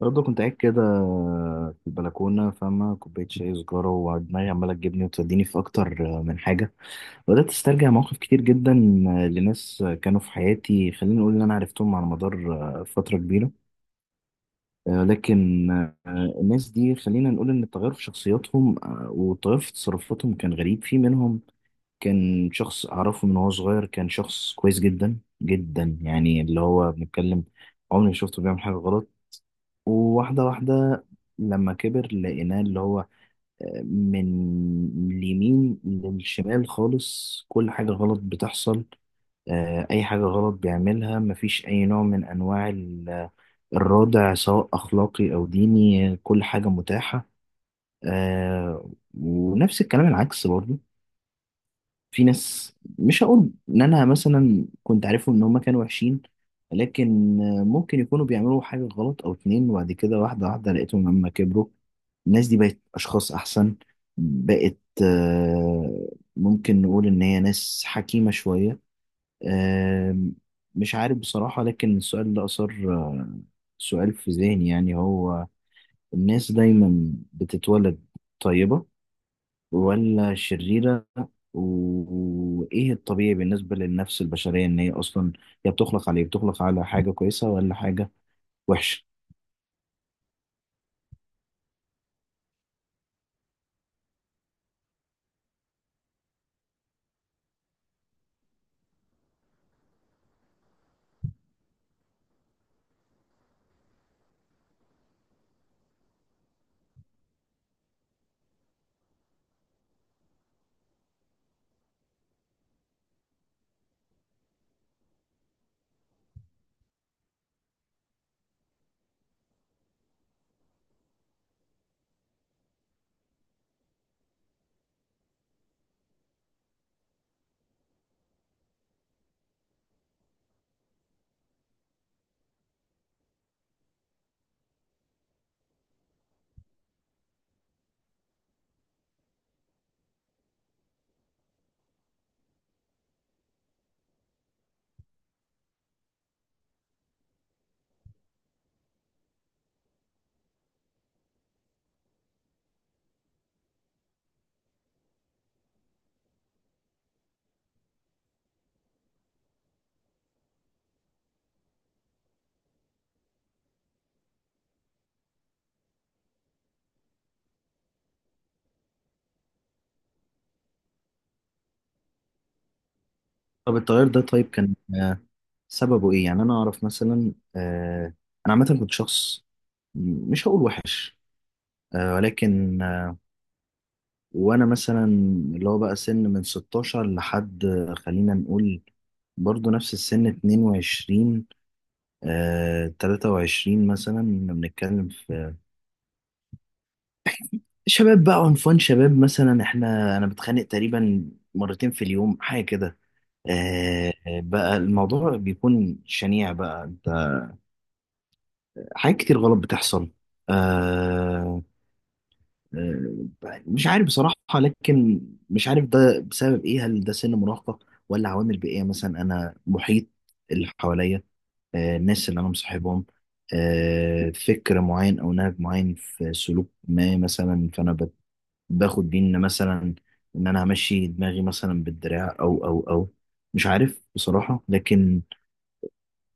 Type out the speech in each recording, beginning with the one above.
برضه كنت قاعد كده في البلكونة، فاهمة، كوباية شاي، سجارة، ودماغي عمالة تجيبني وتوديني في أكتر من حاجة. بدأت أسترجع مواقف كتير جدا لناس كانوا في حياتي، خلينا نقول إن أنا عرفتهم على مدار فترة كبيرة. لكن الناس دي، خلينا نقول إن التغير في شخصياتهم والتغير في تصرفاتهم كان غريب. في منهم كان شخص أعرفه من وهو صغير، كان شخص كويس جدا جدا، يعني اللي هو بنتكلم عمري ما شفته بيعمل حاجة غلط. وواحدة واحدة لما كبر لقيناه اللي هو من اليمين للشمال خالص، كل حاجة غلط بتحصل. أي حاجة غلط بيعملها مفيش أي نوع من أنواع الردع، سواء أخلاقي أو ديني، كل حاجة متاحة. آه، ونفس الكلام العكس برضه. في ناس مش هقول ان انا مثلا كنت عارفهم ان هما كانوا وحشين، لكن ممكن يكونوا بيعملوا حاجة غلط او اتنين، وبعد كده واحدة واحدة لقيتهم لما كبروا الناس دي بقت اشخاص احسن. بقت آه، ممكن نقول ان هي ناس حكيمة شوية. آه، مش عارف بصراحة، لكن السؤال ده اثار سؤال في ذهني. يعني هو الناس دايما بتتولد طيبة ولا شريرة؟ و- وإيه الطبيعي بالنسبة للنفس البشرية؟ إن هي أصلا هي بتخلق على إيه؟ بتخلق على حاجة كويسة ولا حاجة وحشة؟ طب التغير ده طيب كان سببه إيه؟ يعني أنا أعرف مثلا، أنا عامة كنت شخص مش هقول وحش، ولكن، وأنا مثلا اللي هو بقى سن من 16 لحد، خلينا نقول برضو نفس السن 22، 23 مثلا. كنا بنتكلم في شباب، بقى عنفوان شباب مثلا، احنا انا بتخانق تقريبا مرتين في اليوم حاجه كده. آه بقى الموضوع بيكون شنيع، بقى انت حاجات كتير غلط بتحصل. آه مش عارف بصراحه، لكن مش عارف ده بسبب ايه. هل ده سن مراهقه ولا عوامل بيئيه؟ مثلا انا محيط اللي حواليا، الناس اللي انا مصاحبهم، فكر معين او نهج معين في سلوك ما، مثلا فانا باخد بيه ان مثلا ان انا همشي دماغي مثلا بالدراع او مش عارف بصراحة. لكن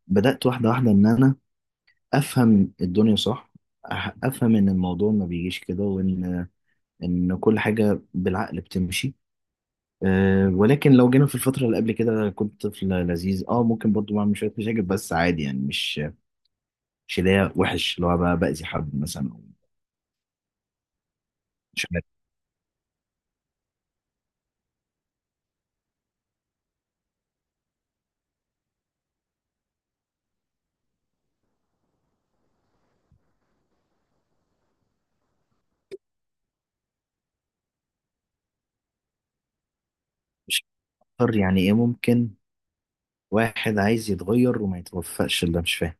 بدأت واحدة واحدة ان انا افهم الدنيا صح، افهم ان الموضوع ما بيجيش كده، وان كل حاجة بالعقل بتمشي. أه ولكن لو جينا في الفترة اللي قبل كده كنت طفل لذيذ، اه ممكن برضو بعمل شوية مشاكل بس عادي يعني، مش اللي هي وحش، اللي هو بقى بأذي حد مثلا أو مش عارف. مش عارف يعني ايه ممكن واحد عايز يتغير وما يتوفقش؟ اللي مش فاهم.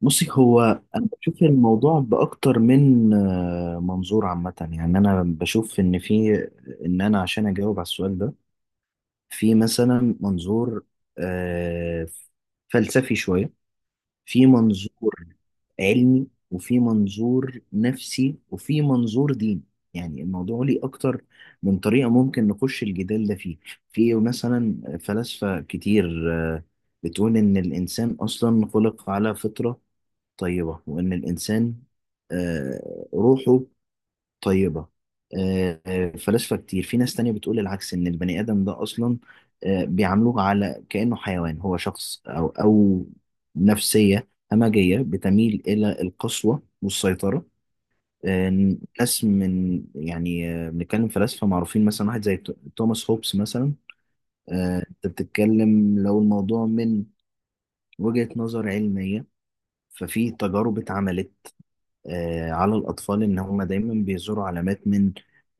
بصي، هو انا بشوف الموضوع باكتر من منظور. عامه يعني انا بشوف ان في، ان انا عشان اجاوب على السؤال ده، في مثلا منظور آه، فلسفي شويه، في منظور علمي، وفي منظور نفسي، وفي منظور ديني. يعني الموضوع ليه اكتر من طريقه ممكن نخش الجدال ده فيه. في مثلا فلاسفه كتير بتقول ان الانسان اصلا خلق على فطره طيبة، وإن الإنسان روحه طيبة. فلاسفة كتير، في ناس تانية بتقول العكس، إن البني آدم ده أصلا بيعاملوه على كأنه حيوان، هو شخص أو نفسية همجية بتميل إلى القسوة والسيطرة. آه، ناس من يعني، بنتكلم فلاسفة معروفين، مثلا واحد زي توماس هوبس مثلا. أنت بتتكلم لو الموضوع من وجهة نظر علمية، ففي تجارب اتعملت على الأطفال إن هم دايما بيزوروا علامات من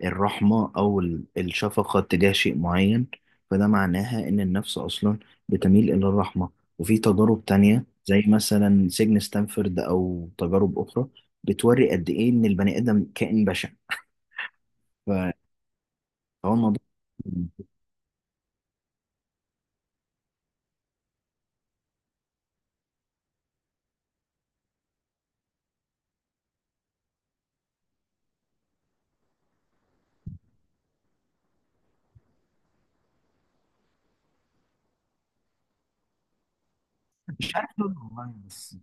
الرحمة أو الشفقة تجاه شيء معين، فده معناها إن النفس أصلا بتميل إلى الرحمة. وفي تجارب تانية زي مثلا سجن ستانفورد أو تجارب أخرى، بتوري قد إيه إن البني آدم كائن بشع. ف- فهو الموضوع، مش عارف والله، بس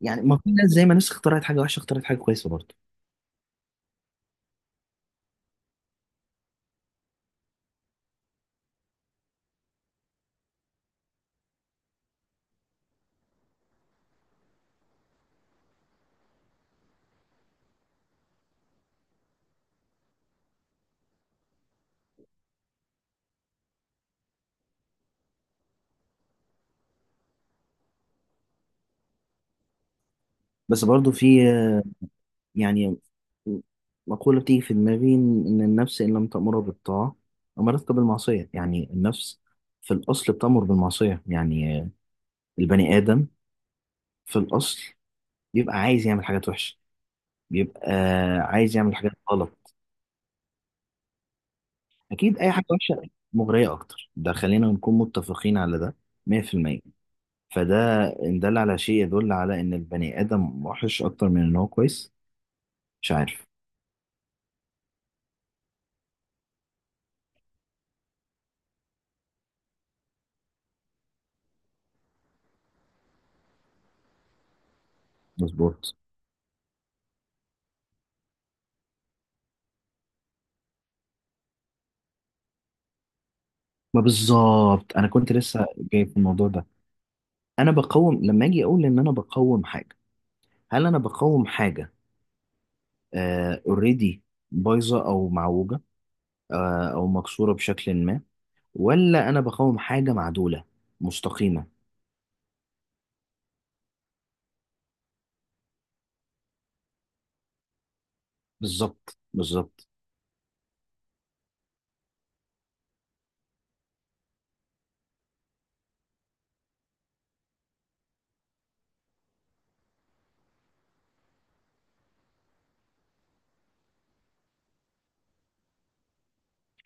يعني ما في ناس، زي ما ناس اخترعت حاجة وحشة اخترعت حاجة كويسة برضه. بس برضه في يعني مقولة بتيجي في دماغي، إن النفس إن لم تأمره بالطاعة أمرتك بالمعصية. يعني النفس في الأصل بتأمر بالمعصية، يعني البني آدم في الأصل بيبقى عايز يعمل حاجات وحشة، بيبقى عايز يعمل حاجات غلط. أكيد، أي حاجة وحشة مغرية أكتر، ده خلينا نكون متفقين على ده 100%. فده إن دل على شيء يدل على إن البني آدم وحش أكتر من إن هو كويس، مش عارف. مظبوط. ما بالظبط أنا كنت لسه جاي في الموضوع ده. انا بقوم، لما اجي اقول ان انا بقوم حاجه، هل انا بقوم حاجه اوريدي بايظه او معوجه، او مكسوره بشكل ما، ولا انا بقوم حاجه معدوله مستقيمه؟ بالظبط بالظبط.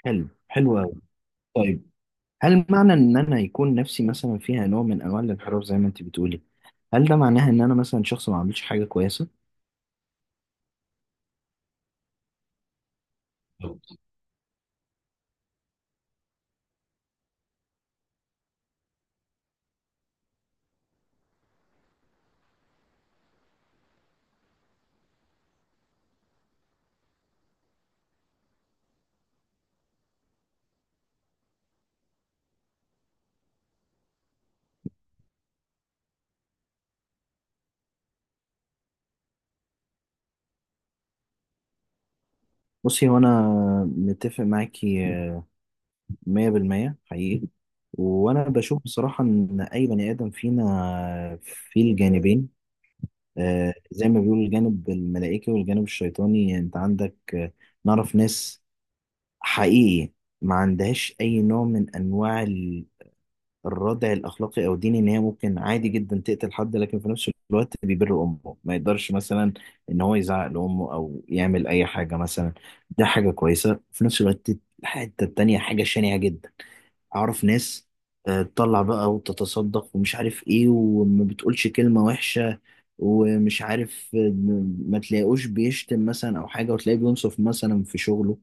حلو حلو أوي. طيب، هل معنى ان انا يكون نفسي مثلا فيها نوع من انواع الانحراف زي ما انت بتقولي، هل ده معناها ان انا مثلا شخص ما عملش حاجه كويسه؟ بالظبط. بصي، هو انا متفق معاكي مية بالمية حقيقي. وأنا بشوف بصراحة إن أي بني آدم فينا فيه الجانبين. زي ما بيقولوا، الجانب الملائكي والجانب الشيطاني. أنت عندك، نعرف ناس حقيقي ما عندهاش أي نوع من أنواع الردع الأخلاقي أو الديني، إن هي ممكن عادي جدا تقتل حد، لكن في نفس الوقت بيبر أمه، ما يقدرش مثلا إن هو يزعق لأمه أو يعمل أي حاجة مثلا. ده حاجة كويسة. في نفس الوقت الحتة التانية حاجة شنيعة جدا. اعرف ناس تطلع بقى وتتصدق ومش عارف ايه، وما بتقولش كلمة وحشة، ومش عارف ما تلاقوش بيشتم مثلا او حاجة، وتلاقيه بينصف مثلا في شغله،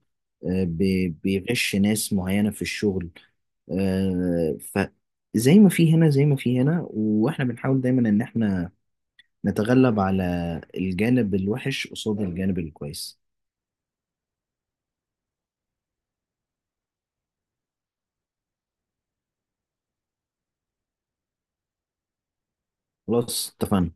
بيغش ناس معينة في الشغل، ف زي ما في هنا، زي ما في هنا، واحنا بنحاول دايما ان احنا نتغلب على الجانب الوحش قصاد الجانب الكويس. خلاص اتفقنا.